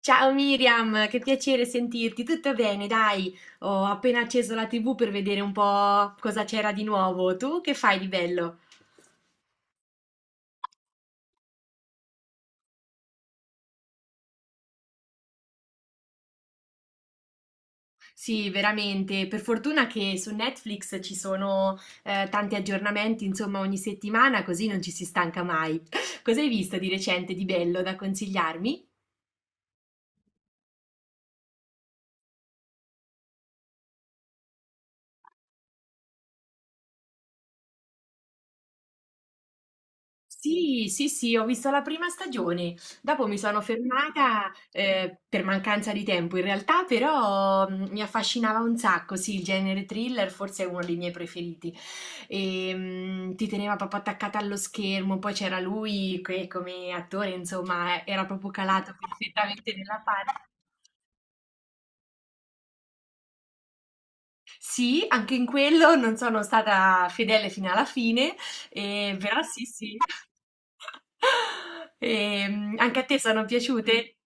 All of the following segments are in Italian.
Ciao Miriam, che piacere sentirti. Tutto bene, dai. Ho appena acceso la TV per vedere un po' cosa c'era di nuovo. Tu che fai di bello? Sì, veramente. Per fortuna che su Netflix ci sono tanti aggiornamenti, insomma, ogni settimana, così non ci si stanca mai. Cosa hai visto di recente di bello da consigliarmi? Sì, sì, sì, ho visto la prima stagione, dopo mi sono fermata per mancanza di tempo in realtà, però mi affascinava un sacco, sì, il genere thriller forse è uno dei miei preferiti e ti teneva proprio attaccata allo schermo, poi c'era lui che come attore, insomma, era proprio calato perfettamente nella parte. Sì, anche in quello non sono stata fedele fino alla fine, però sì, sì. Anche a te sono piaciute?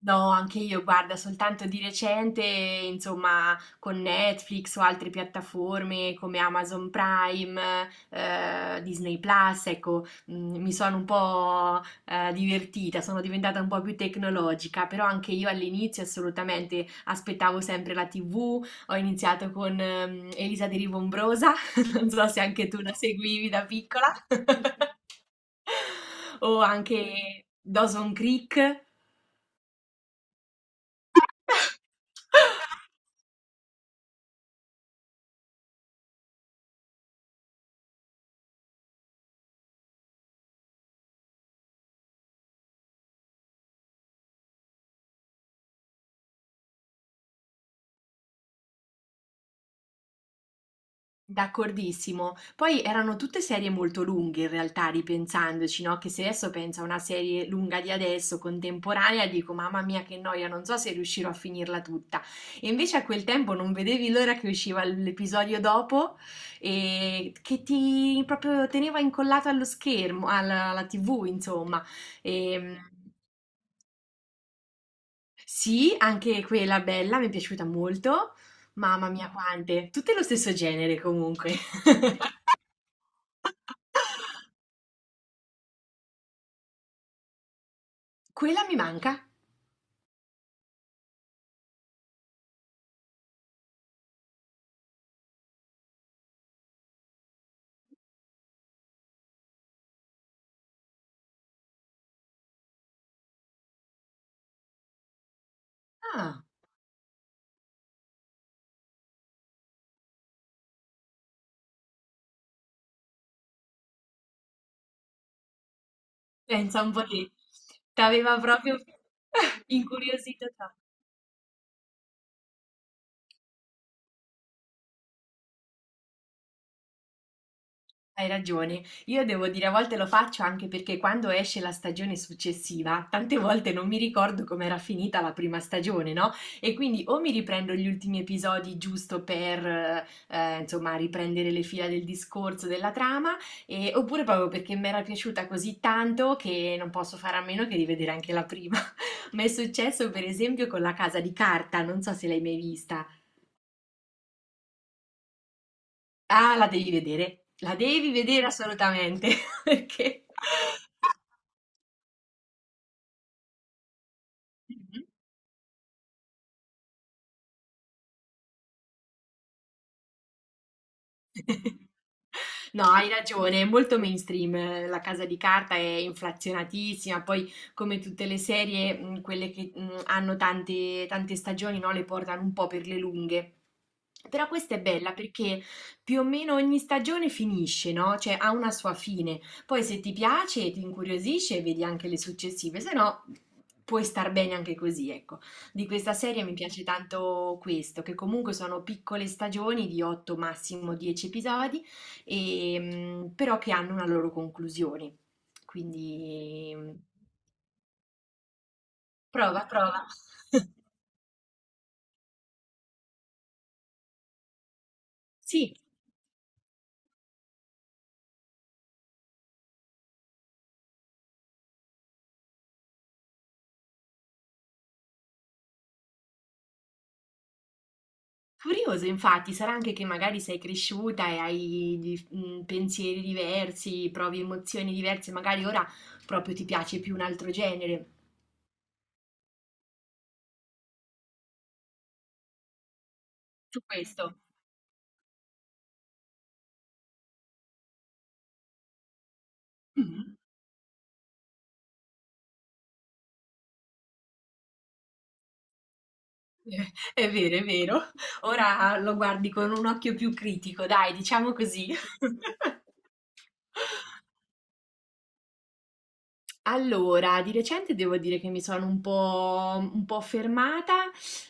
No, anche io, guarda, soltanto di recente, insomma, con Netflix o altre piattaforme come Amazon Prime, Disney Plus, ecco, mi sono un po', divertita, sono diventata un po' più tecnologica, però anche io all'inizio assolutamente aspettavo sempre la TV, ho iniziato con, Elisa De Rivombrosa, non so se anche tu la seguivi da piccola, o anche Dawson Creek. D'accordissimo. Poi erano tutte serie molto lunghe in realtà, ripensandoci, no? Che se adesso penso a una serie lunga di adesso, contemporanea, dico mamma mia che noia, non so se riuscirò a finirla tutta. E invece a quel tempo non vedevi l'ora che usciva l'episodio dopo e che ti proprio teneva incollato allo schermo, alla TV, insomma. E, sì, anche quella bella, mi è piaciuta molto. Mamma mia, quante! Tutte lo stesso genere comunque. Quella mi manca. Ah, pensa un po' te. T'aveva proprio incuriosito. Hai ragione. Io devo dire, a volte lo faccio anche perché quando esce la stagione successiva, tante volte non mi ricordo com'era finita la prima stagione, no? E quindi o mi riprendo gli ultimi episodi giusto per, insomma, riprendere le fila del discorso, della trama, oppure proprio perché mi era piaciuta così tanto che non posso fare a meno che rivedere anche la prima. Mi è successo per esempio con La Casa di Carta, non so se l'hai mai vista. Ah, la devi vedere assolutamente, perché. Mh-mh. No, hai ragione, è molto mainstream, La Casa di Carta è inflazionatissima, poi come tutte le serie, quelle che, hanno tante tante stagioni, no, le portano un po' per le lunghe. Però questa è bella perché più o meno ogni stagione finisce, no, cioè ha una sua fine. Poi se ti piace, ti incuriosisce, vedi anche le successive, se no puoi star bene anche così, ecco. Di questa serie mi piace tanto questo, che comunque sono piccole stagioni di 8, massimo 10 episodi, e, però che hanno una loro conclusione. Quindi prova, prova. Sì, curioso infatti, sarà anche che magari sei cresciuta e hai pensieri diversi, provi emozioni diverse, magari ora proprio ti piace più un altro genere. Su questo. Mm. È vero, è vero. Ora lo guardi con un occhio più critico, dai, diciamo così. Allora, di recente devo dire che mi sono un po' fermata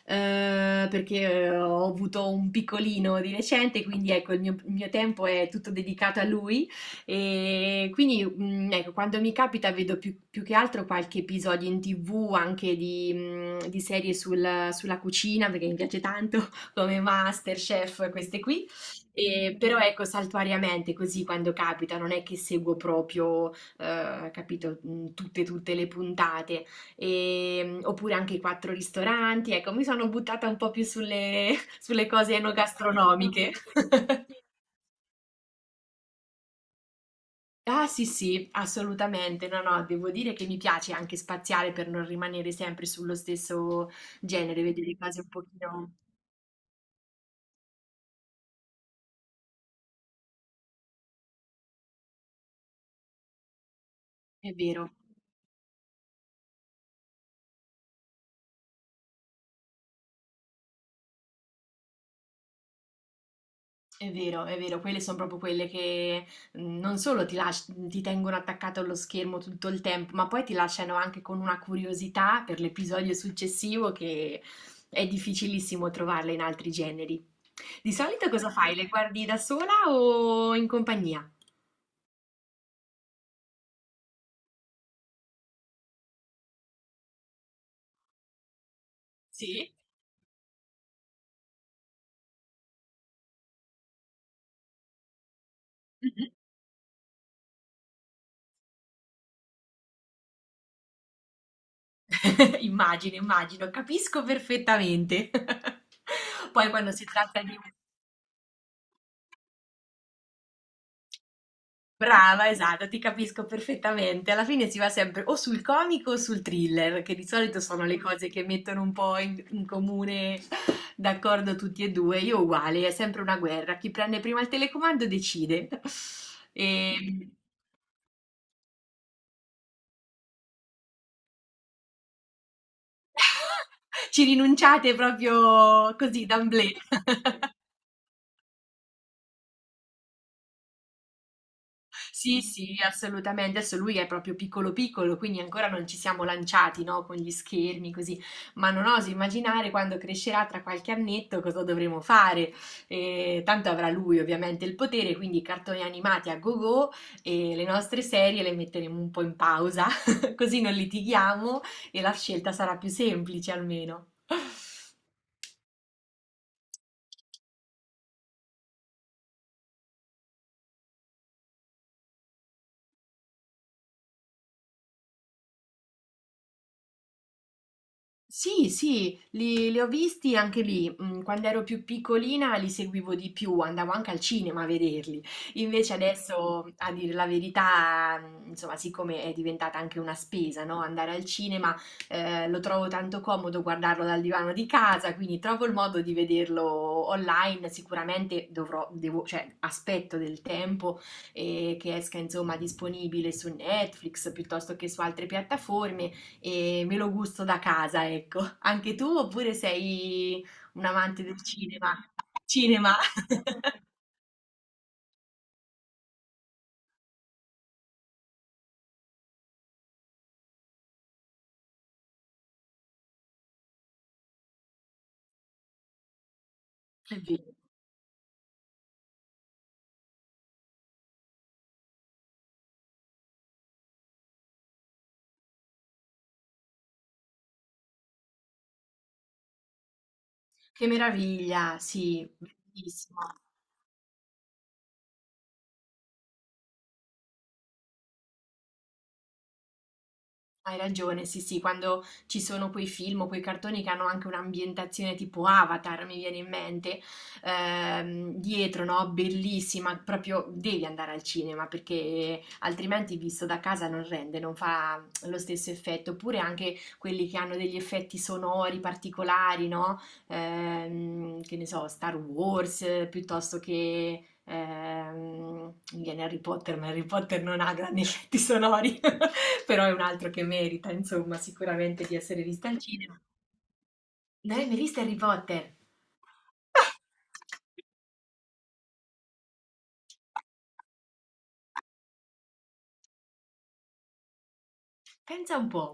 perché ho avuto un piccolino di recente, quindi ecco, il mio tempo è tutto dedicato a lui e quindi ecco, quando mi capita vedo più che altro qualche episodio in TV anche di serie sulla cucina perché mi piace tanto come MasterChef, queste qui. E, però ecco, saltuariamente così quando capita, non è che seguo proprio capito, tutte le puntate, oppure anche i 4 ristoranti. Ecco, mi sono buttata un po' più sulle sulle cose enogastronomiche. Ah sì, sì, assolutamente. No, no, devo dire che mi piace anche spaziare per non rimanere sempre sullo stesso genere, vedere cose un pochino. È vero. È vero, è vero, quelle son proprio quelle che, non solo ti tengono attaccato allo schermo tutto il tempo, ma poi ti lasciano anche con una curiosità per l'episodio successivo che è difficilissimo trovarla in altri generi. Di solito cosa fai? Le guardi da sola o in compagnia? Sì. Mh-mh. Immagino, immagino, capisco perfettamente. Poi quando si tratta di un. Brava, esatto, ti capisco perfettamente. Alla fine si va sempre o sul comico o sul thriller, che di solito sono le cose che mettono un po' in comune d'accordo tutti e due. Io uguale, è sempre una guerra. Chi prende prima il telecomando decide. E. Ci rinunciate proprio così, d'emblée. Sì, sì, assolutamente. Adesso lui è proprio piccolo piccolo, quindi ancora non ci siamo lanciati, no, con gli schermi così, ma non oso immaginare quando crescerà tra qualche annetto cosa dovremo fare. Tanto avrà lui ovviamente il potere, quindi cartoni animati a go-go e le nostre serie le metteremo un po' in pausa, così non litighiamo e la scelta sarà più semplice almeno. Sì, sì, li ho visti anche lì. Quando ero più piccolina li seguivo di più, andavo anche al cinema a vederli. Invece adesso, a dire la verità, insomma, siccome è diventata anche una spesa, no? Andare al cinema, lo trovo tanto comodo guardarlo dal divano di casa, quindi trovo il modo di vederlo online. Sicuramente dovrò, devo, cioè, aspetto del tempo, che esca, insomma, disponibile su Netflix piuttosto che su altre piattaforme e me lo gusto da casa, ecco. Anche tu oppure sei un amante del cinema? Cinema! È vero. Che meraviglia, sì, bellissimo. Hai ragione, sì, sì, quando ci sono quei film o quei cartoni che hanno anche un'ambientazione tipo Avatar, mi viene in mente, dietro, no? Bellissima, proprio devi andare al cinema perché altrimenti visto da casa non rende, non fa lo stesso effetto. Oppure anche quelli che hanno degli effetti sonori particolari, no? Che ne so, Star Wars, piuttosto che mi viene Harry Potter, ma Harry Potter non ha grandi effetti sonori. Però è un altro che merita, insomma, sicuramente di essere visto al cinema. Non hai mai visto Harry Potter? Pensa un po'.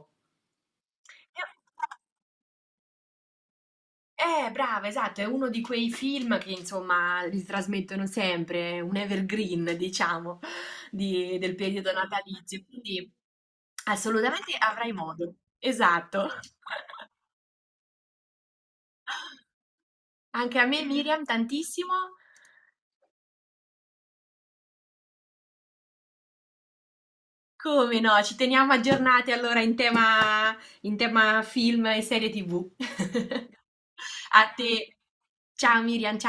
Brava, esatto, è uno di quei film che insomma li trasmettono sempre, è un evergreen, diciamo, del periodo natalizio. Quindi assolutamente avrai modo. Esatto. Anche a me, Miriam, tantissimo. Come no? Ci teniamo aggiornati allora in tema film e serie TV. A te. Ciao Miriam, ciao.